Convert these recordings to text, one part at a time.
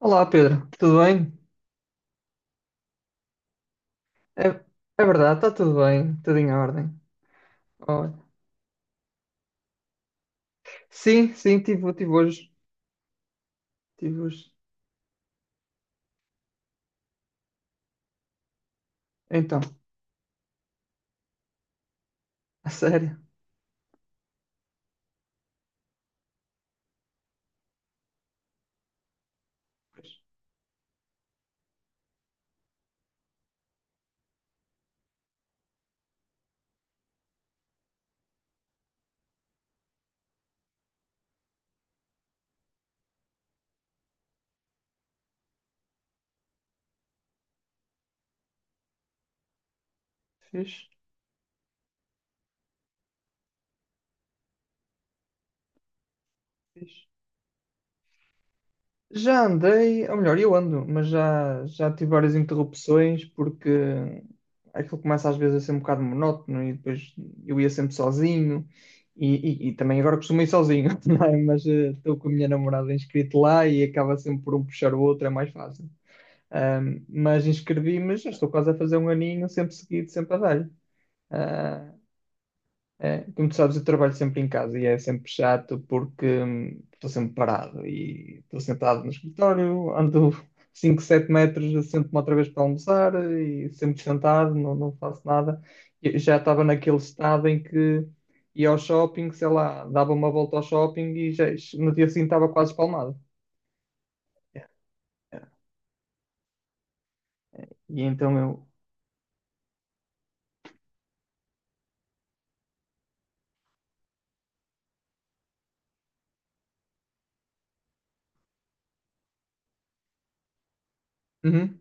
Olá Pedro, tudo bem? É, é verdade, está tudo bem, tudo em ordem. Olha. Sim, sim, tive hoje, tive hoje. Então, a sério, fiz, fiz. Já andei, ou melhor, eu ando, mas já tive várias interrupções porque aquilo começa às vezes a ser um bocado monótono e depois eu ia sempre sozinho e também agora costumo ir sozinho, não é? Mas estou com a minha namorada inscrito lá e acaba sempre por um puxar o outro, é mais fácil. Mas inscrevi-me, já estou quase a fazer um aninho, sempre seguido, sempre a dar-lhe. Ah, é, como tu sabes, eu trabalho sempre em casa e é sempre chato porque estou sempre parado e estou sentado no escritório, ando 5, 7 metros, sento-me outra vez para almoçar e sempre sentado, não, não faço nada. Eu já estava naquele estado em que ia ao shopping, sei lá, dava uma volta ao shopping e já, no dia seguinte estava quase espalmado. E então eu. Uhum.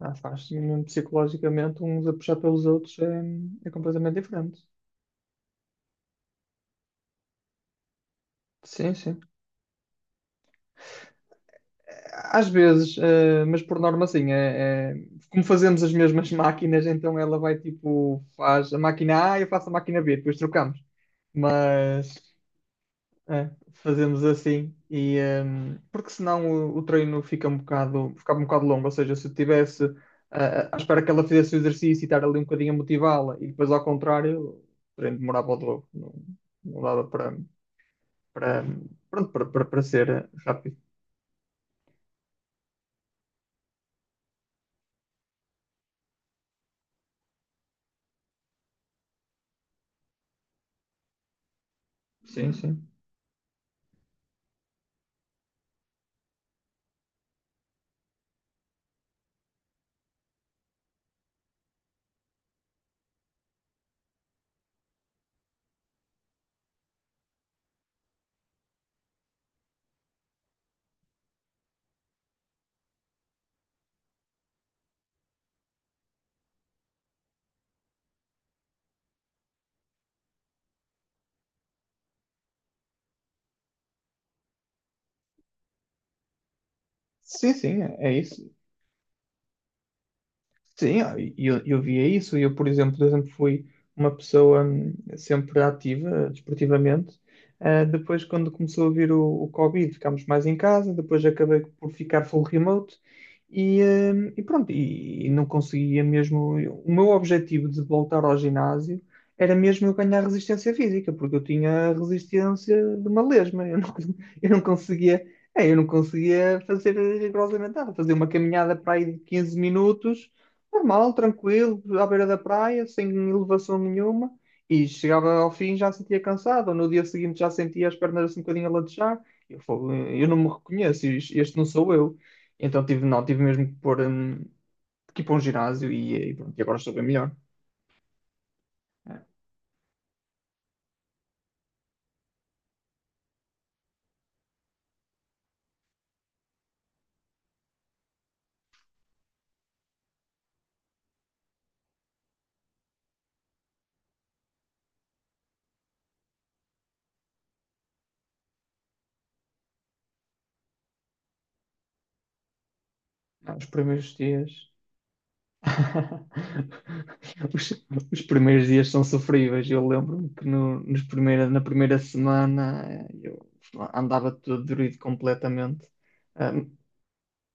Ah, faz mesmo psicologicamente uns a puxar pelos outros é completamente diferente. Sim, sim. Às vezes, mas por norma assim, como fazemos as mesmas máquinas, então ela vai tipo, faz a máquina A e eu faço a máquina B, depois trocamos. Mas fazemos assim e porque senão o treino fica um bocado longo, ou seja, se eu tivesse à espera que ela fizesse o exercício e estar ali um bocadinho a motivá-la e depois ao contrário, o treino demorava o dobro, não, não dava para, pronto, para ser rápido. Sim, sim. Sim, sim, é isso. Sim, e eu via isso. Eu, por exemplo, eu sempre fui uma pessoa sempre ativa, desportivamente. Ah, depois, quando começou a vir o Covid, ficámos mais em casa. Depois acabei por ficar full remote. E pronto, e não conseguia mesmo. O meu objetivo de voltar ao ginásio era mesmo eu ganhar resistência física, porque eu tinha a resistência de uma lesma. Eu não, eu não conseguia, eu não conseguia fazer rigorosamente nada. Fazer uma caminhada para aí de 15 minutos. Normal, tranquilo, à beira da praia, sem elevação nenhuma, e chegava ao fim já sentia cansado, ou no dia seguinte já sentia as pernas assim um bocadinho a latejar. Eu, falo, eu não me reconheço, este não sou eu. Então tive, não, tive mesmo que pôr, que ir para um ginásio e pronto, e agora estou bem melhor. Ah, os primeiros dias. Os, os primeiros dias são sofríveis. Eu lembro-me que no, nos primeira, na primeira semana eu andava todo dorido completamente. Hum.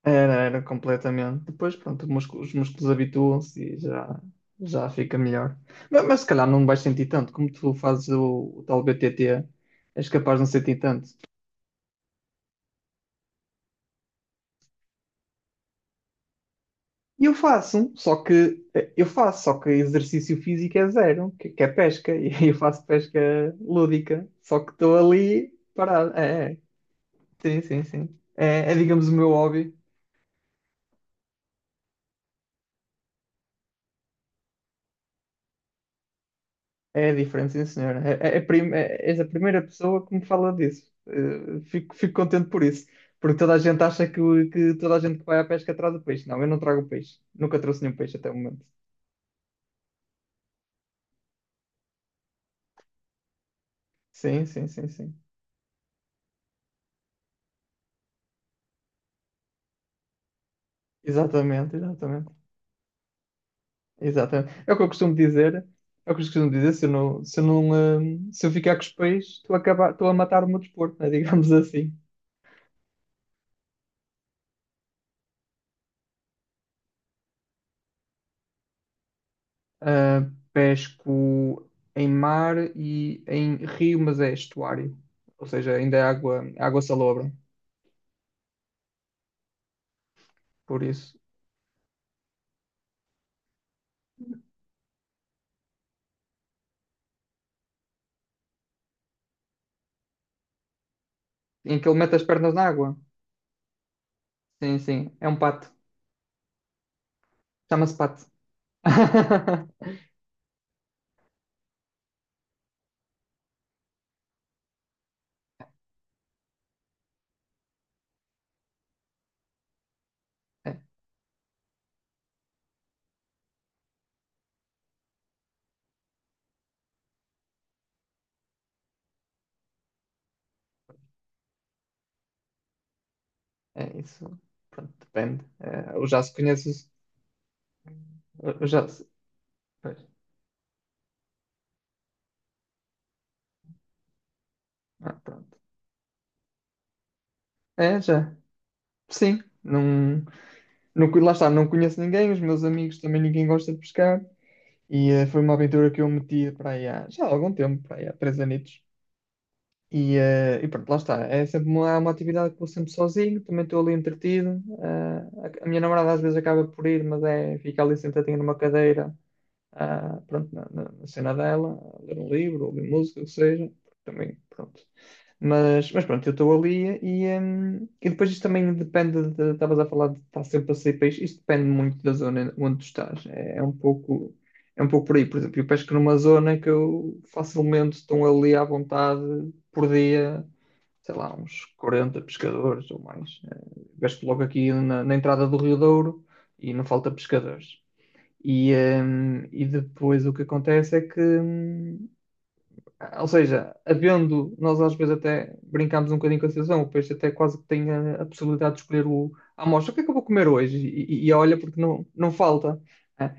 Era completamente. Depois, pronto, os músculos habituam-se e já fica melhor. Mas se calhar não vais sentir tanto, como tu fazes o tal BTT, és capaz de não sentir tanto. E eu faço, só que eu faço, só que exercício físico é zero, que é pesca, e eu faço pesca lúdica, só que estou ali parado. Sim, sim, sim. Digamos, o meu hobby. É diferente, sim, senhora. És a primeira pessoa que me fala disso. Fico contente por isso. Porque toda a gente acha que toda a gente que vai à pesca traz o peixe. Não, eu não trago peixe. Nunca trouxe nenhum peixe até o momento. Sim, sim, sim, sim. Exatamente, exatamente. Exatamente. É o que eu costumo dizer. É o que eu costumo dizer. Se eu não, se eu não, eh, se eu ficar com os peixes, estou a acabar, estou a matar o meu desporto, né? Digamos assim. Pesco em mar e em rio, mas é estuário. Ou seja, ainda é água, água salobra, por isso. Em que ele mete as pernas na água. Sim, sim, é um pato. Chama-se pato. É, é isso. Pronto, depende. É, eu já se conheço. Eu já se... Pois. Ah, pronto. É, já. Sim. Não, não, lá está, não conheço ninguém, os meus amigos também ninguém gosta de pescar. E foi uma aventura que eu meti para aí há, já há algum tempo, para aí há 3 anos. E pronto, lá está. É sempre há uma atividade que vou sempre sozinho, também estou ali entretido. A minha namorada às vezes acaba por ir, mas fica ali sentadinha numa cadeira pronto, na cena dela, a ler um livro, ou ouvir música, o que seja, também, pronto. Mas pronto, eu estou ali e depois isto também depende, estavas a falar de estar sempre a sair país, isto depende muito da zona onde tu estás, é um pouco por aí, por exemplo, eu pesco numa zona que eu facilmente estou ali à vontade por dia, sei lá, uns 40 pescadores ou mais. Pesco logo aqui na entrada do Rio Douro e não falta pescadores. E, e depois o que acontece é que, ou seja, havendo, nós às vezes até brincamos um bocadinho com a situação, o peixe até quase que tem a possibilidade de escolher o, a amostra, o que é que eu vou comer hoje? E olha, porque não, não falta, né?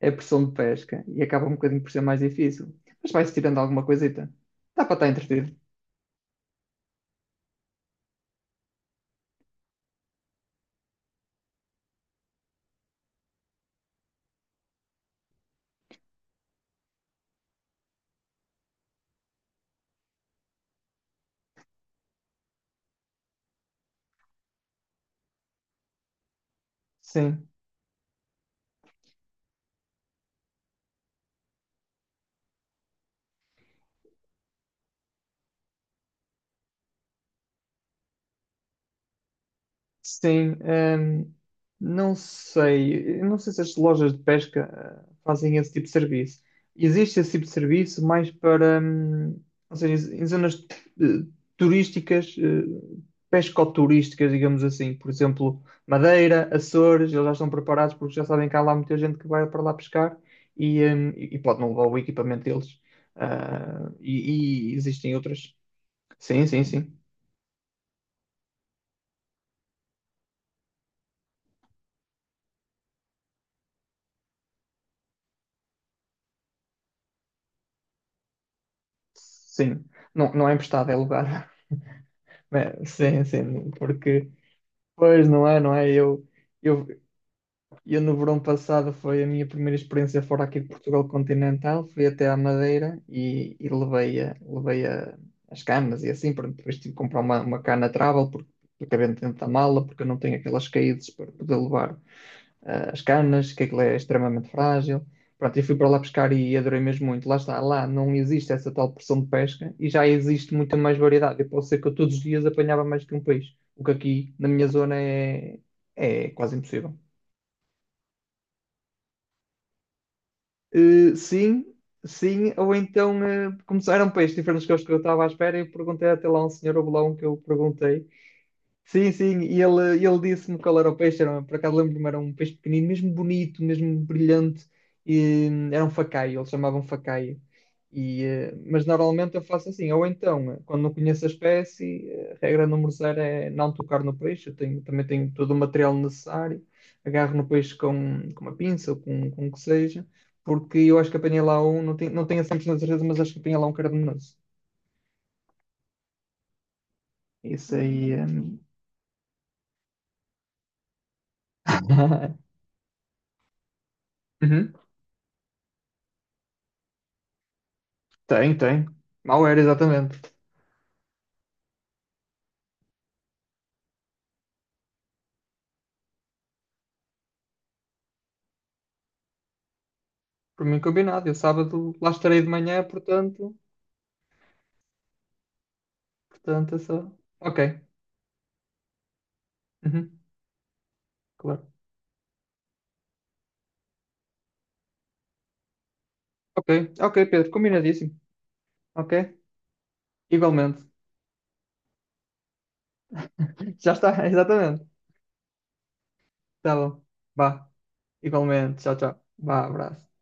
É a pressão de pesca e acaba um bocadinho por ser mais difícil, mas vai-se tirando alguma coisita. Dá para estar entretido. Sim. Sim, não sei, eu não sei se as lojas de pesca fazem esse tipo de serviço. Existe esse tipo de serviço mais para, ou seja, em zonas eh, turísticas, pescoturísticas, digamos assim. Por exemplo, Madeira, Açores, eles já estão preparados porque já sabem que há lá muita gente que vai para lá pescar e pode não levar o equipamento deles. E existem outras. Sim, sim, sim. Sim. Não, não é emprestado, é alugado. É, sim, sim, porque pois não é, não é? Eu, eu no verão passado foi a minha primeira experiência fora aqui de Portugal continental, fui até à Madeira e levei, as camas e assim, pronto, depois tive que comprar uma cana travel porque, dentro da mala, porque eu não tenho aquelas caídas para poder levar as canas, que aquilo é extremamente frágil. Pronto, eu fui para lá pescar e adorei mesmo muito. Lá está, lá não existe essa tal pressão de pesca e já existe muita mais variedade. Eu posso ser que eu todos os dias apanhava mais que um peixe, o que aqui na minha zona é quase impossível. Sim, sim, ou então começaram peixes diferentes que os que eu estava à espera e eu perguntei até lá a um senhor, houve lá um que eu perguntei. Sim, sim, e ele disse-me qual era o peixe, por acaso lembro-me, era um peixe pequenino, mesmo bonito, mesmo brilhante, e era um facaio, eles chamavam facaio. Mas normalmente eu faço assim, ou então, quando não conheço a espécie, a regra número zero é não tocar no peixe, eu tenho, também tenho todo o material necessário, agarro no peixe com uma pinça ou com o que seja, porque eu acho que apanhei lá um, não tenho, não tenho a 100% certeza, mas acho que apanhei lá um cardenoso. Isso aí. Tem, tem. Mal era, exatamente. Por mim combinado. Eu sábado lá estarei de manhã, portanto. Portanto, é só. Ok. Uhum, claro. Ok, ok, Pedro. Combinadíssimo. Ok? Igualmente. Já está, exatamente. Tá bom. Vá. Igualmente. Tchau, tchau. Vá, abraço.